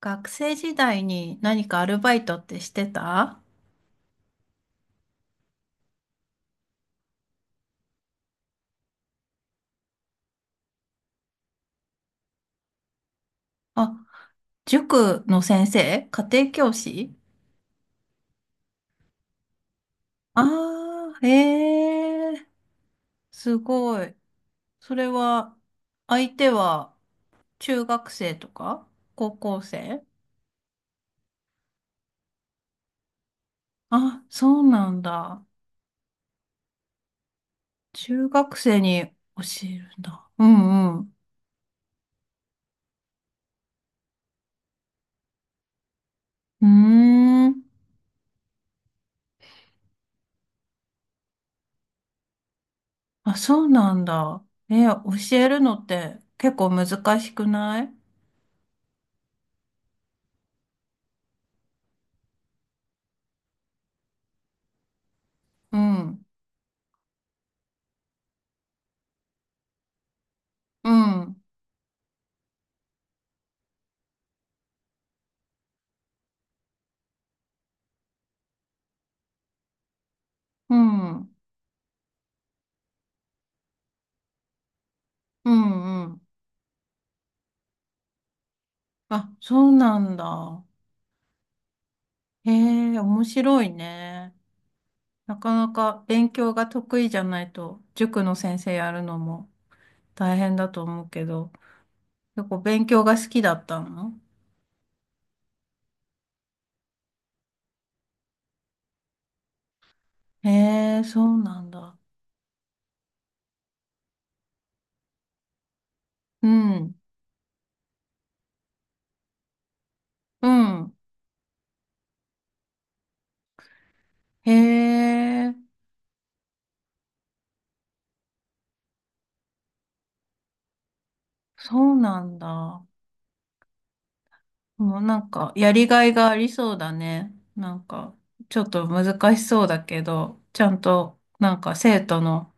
学生時代に何かアルバイトってしてた？あ、塾の先生？家庭教師？ああー、へえ、すごい。それは、相手は中学生とか高校生？あ、そうなんだ。中学生に教えるんだ。うんうん。うーん。あ、そうなんだ。え、教えるのって結構難しくない？うん。うん。うん。うんうん。あ、そうなんだ。へえ、面白いね。なかなか勉強が得意じゃないと、塾の先生やるのも大変だと思うけど、結構勉強が好きだったの？へえ、そうなんだ。うん、うん。へえ、そうなんだ。もうなんか、やりがいがありそうだね。なんか、ちょっと難しそうだけど、ちゃんと、なんか生徒の、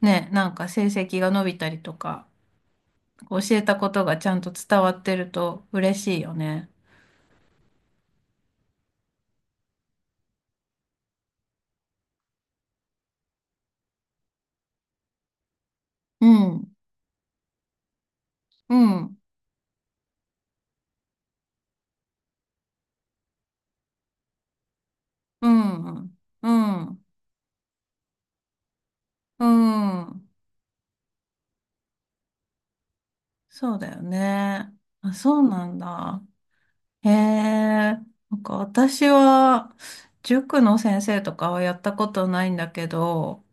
ね、なんか成績が伸びたりとか、教えたことがちゃんと伝わってると嬉しいよね。うん、うん、うん、うん、うん。そうだよね。あ、そうなんだ。へえ。なんか私は塾の先生とかはやったことないんだけど、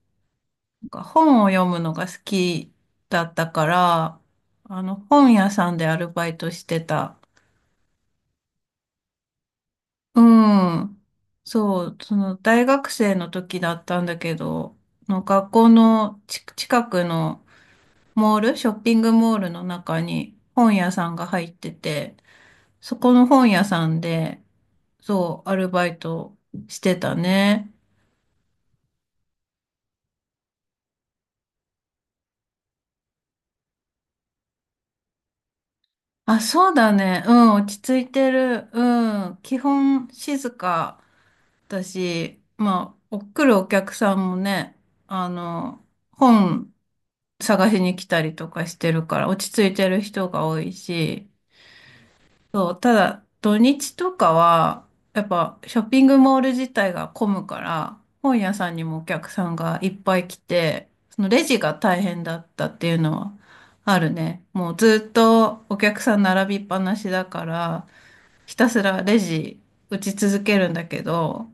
なんか本を読むのが好きだったから、あの本屋さんでアルバイトしてた。うん。そう、その大学生の時だったんだけど、の学校のち近くのモール、ショッピングモールの中に本屋さんが入ってて、そこの本屋さんで、そう、アルバイトしてたね。あ、そうだね。うん、落ち着いてる。うん、基本静かだし、まあ、お来るお客さんもね、あの、本探しに来たりとかしてるから、落ち着いてる人が多いし、そう、ただ土日とかは、やっぱショッピングモール自体が混むから、本屋さんにもお客さんがいっぱい来て、そのレジが大変だったっていうのはあるね。もうずっとお客さん並びっぱなしだから、ひたすらレジ打ち続けるんだけど、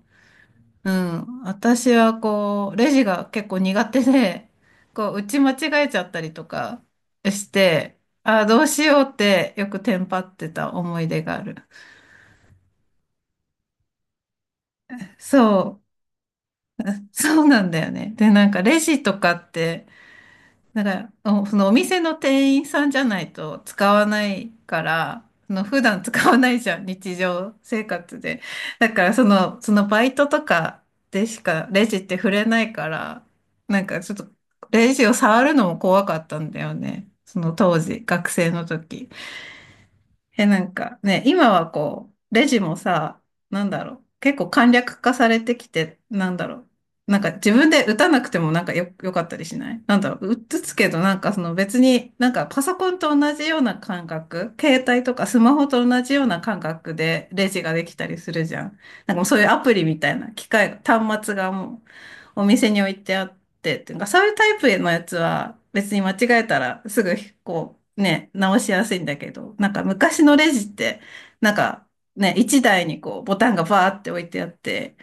うん。私はこう、レジが結構苦手で、こう、打ち間違えちゃったりとかして、ああ、どうしようってよくテンパってた思い出がある。そう。そうなんだよね。で、なんかレジとかって、だから、そのお店の店員さんじゃないと使わないから、その普段使わないじゃん、日常生活で。だから、そのバイトとかでしかレジって触れないから、なんかちょっとレジを触るのも怖かったんだよね。その当時、学生の時。え、なんかね、今はこう、レジもさ、なんだろう、結構簡略化されてきて、なんだろう、なんか自分で打たなくてもなんかよかったりしないなんだろう、打つけどなんかその別になんかパソコンと同じような感覚、携帯とかスマホと同じような感覚でレジができたりするじゃん。なんかもうそういうアプリみたいな機械、端末がもうお店に置いてあってて、っていうか、そういうタイプのやつは別に間違えたらすぐこうね、直しやすいんだけど、なんか昔のレジって、なんかね、一台にこうボタンがバーって置いてあって、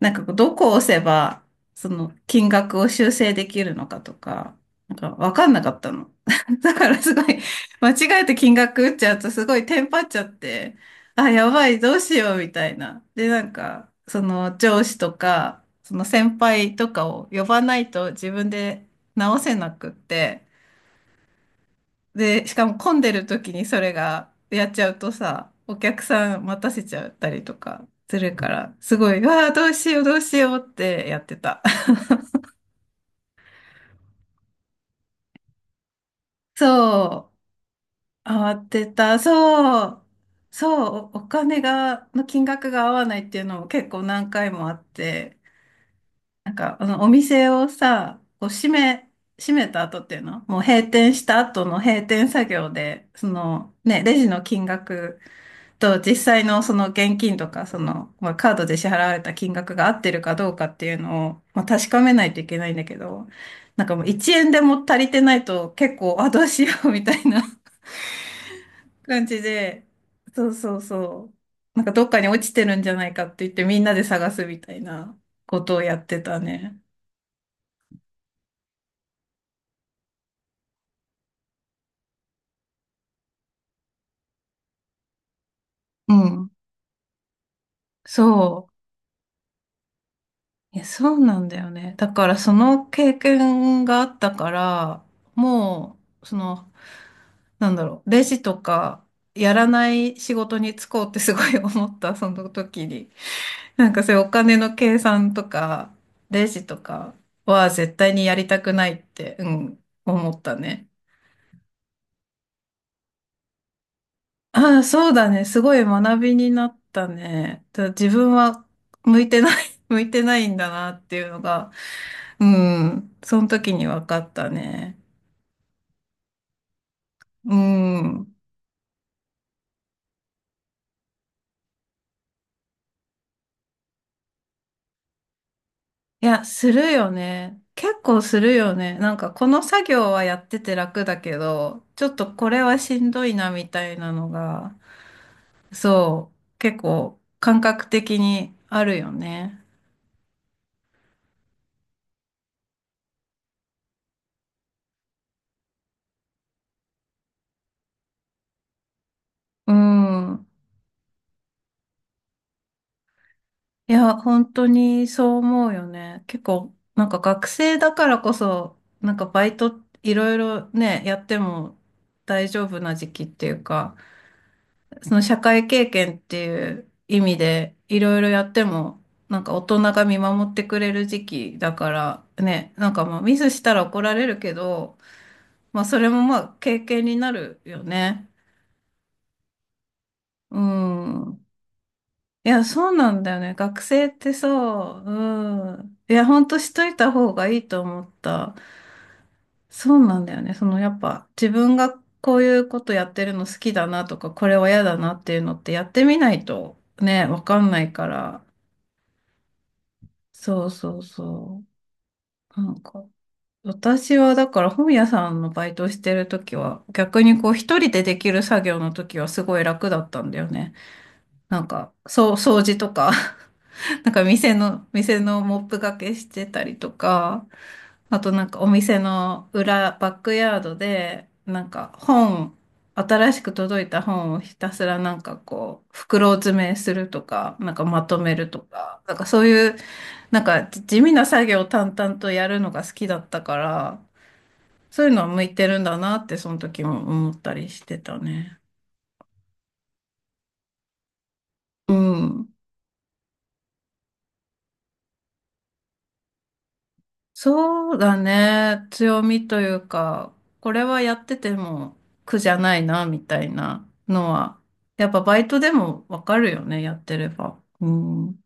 なんかこうどこを押せば、その金額を修正できるのかとか、なんかわかんなかったの。だからすごい、間違えて金額打っちゃうとすごいテンパっちゃって、あ、やばい、どうしようみたいな。で、なんか、その上司とか、その先輩とかを呼ばないと自分で直せなくって、で、しかも混んでる時にそれがやっちゃうとさ、お客さん待たせちゃったりとかするから、すごい、うわあ、どうしよう、どうしようってやってた。そう、慌てた、そう、そう、おお金が、の金額が合わないっていうのも結構何回もあって、なんか、お店をさ、こう閉めた後っていうの、もう閉店した後の閉店作業で、その、ね、レジの金額と実際のその現金とか、その、まあ、カードで支払われた金額が合ってるかどうかっていうのを、まあ、確かめないといけないんだけど、なんかもう1円でも足りてないと結構 あ、どうしようみたいな 感じで、そうそうそう。なんかどっかに落ちてるんじゃないかって言ってみんなで探すみたいなことをやってたね。うん。そう。いや、そうなんだよね。だからその経験があったから、もう、その、なんだろう、レジとか、やらない仕事に就こうってすごい思った、その時に。なんかそういうお金の計算とか、レジとかは絶対にやりたくないって、うん、思ったね。ああ、そうだね。すごい学びになったね。ただ自分は向いてない、向いてないんだなっていうのが、うん、その時に分かったね。うん。いや、するよね。結構するよね。なんかこの作業はやってて楽だけど、ちょっとこれはしんどいなみたいなのが、そう、結構感覚的にあるよね。うん。いや、本当にそう思うよね。結構、なんか学生だからこそ、なんかバイトいろいろね、やっても大丈夫な時期っていうか、その社会経験っていう意味でいろいろやっても、なんか大人が見守ってくれる時期だからね、なんかまあミスしたら怒られるけど、まあそれもまあ経験になるよね。うん。いや、そうなんだよね。学生ってさ、うん。いや、ほんとしといた方がいいと思った。そうなんだよね。そのやっぱ自分がこういうことやってるの好きだなとか、これは嫌だなっていうのってやってみないとね、わかんないから。そうそうそう。なんか、私はだから本屋さんのバイトしてる時は、逆にこう一人でできる作業の時はすごい楽だったんだよね。なんか、そう、掃除とか。なんか店のモップがけしてたりとか、あとなんかお店の裏、バックヤードで、なんか本、新しく届いた本をひたすらなんかこう、袋詰めするとか、なんかまとめるとか、なんかそういう、なんか地味な作業を淡々とやるのが好きだったから、そういうのは向いてるんだなって、その時も思ったりしてたね。うん。そうだね。強みというか、これはやってても苦じゃないな、みたいなのは、やっぱバイトでもわかるよね、やってれば。うん。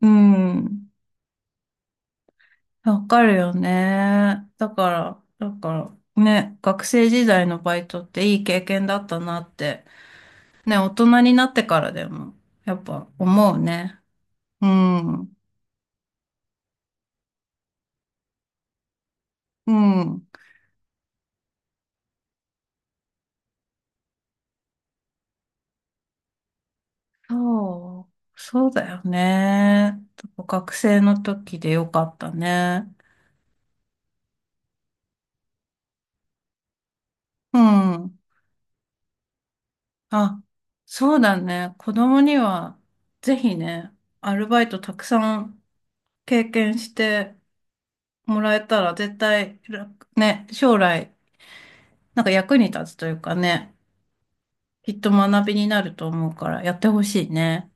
うん。わかるよね。だから、ね、学生時代のバイトっていい経験だったなって、ね、大人になってからでも、やっぱ思うね。うん。うん。そう、そうだよね。学生の時でよかったね。うん。あ、そうだね。子供には、ぜひね、アルバイトたくさん経験してもらえたら、絶対楽、ね、将来、なんか役に立つというかね、きっと学びになると思うから、やってほしいね。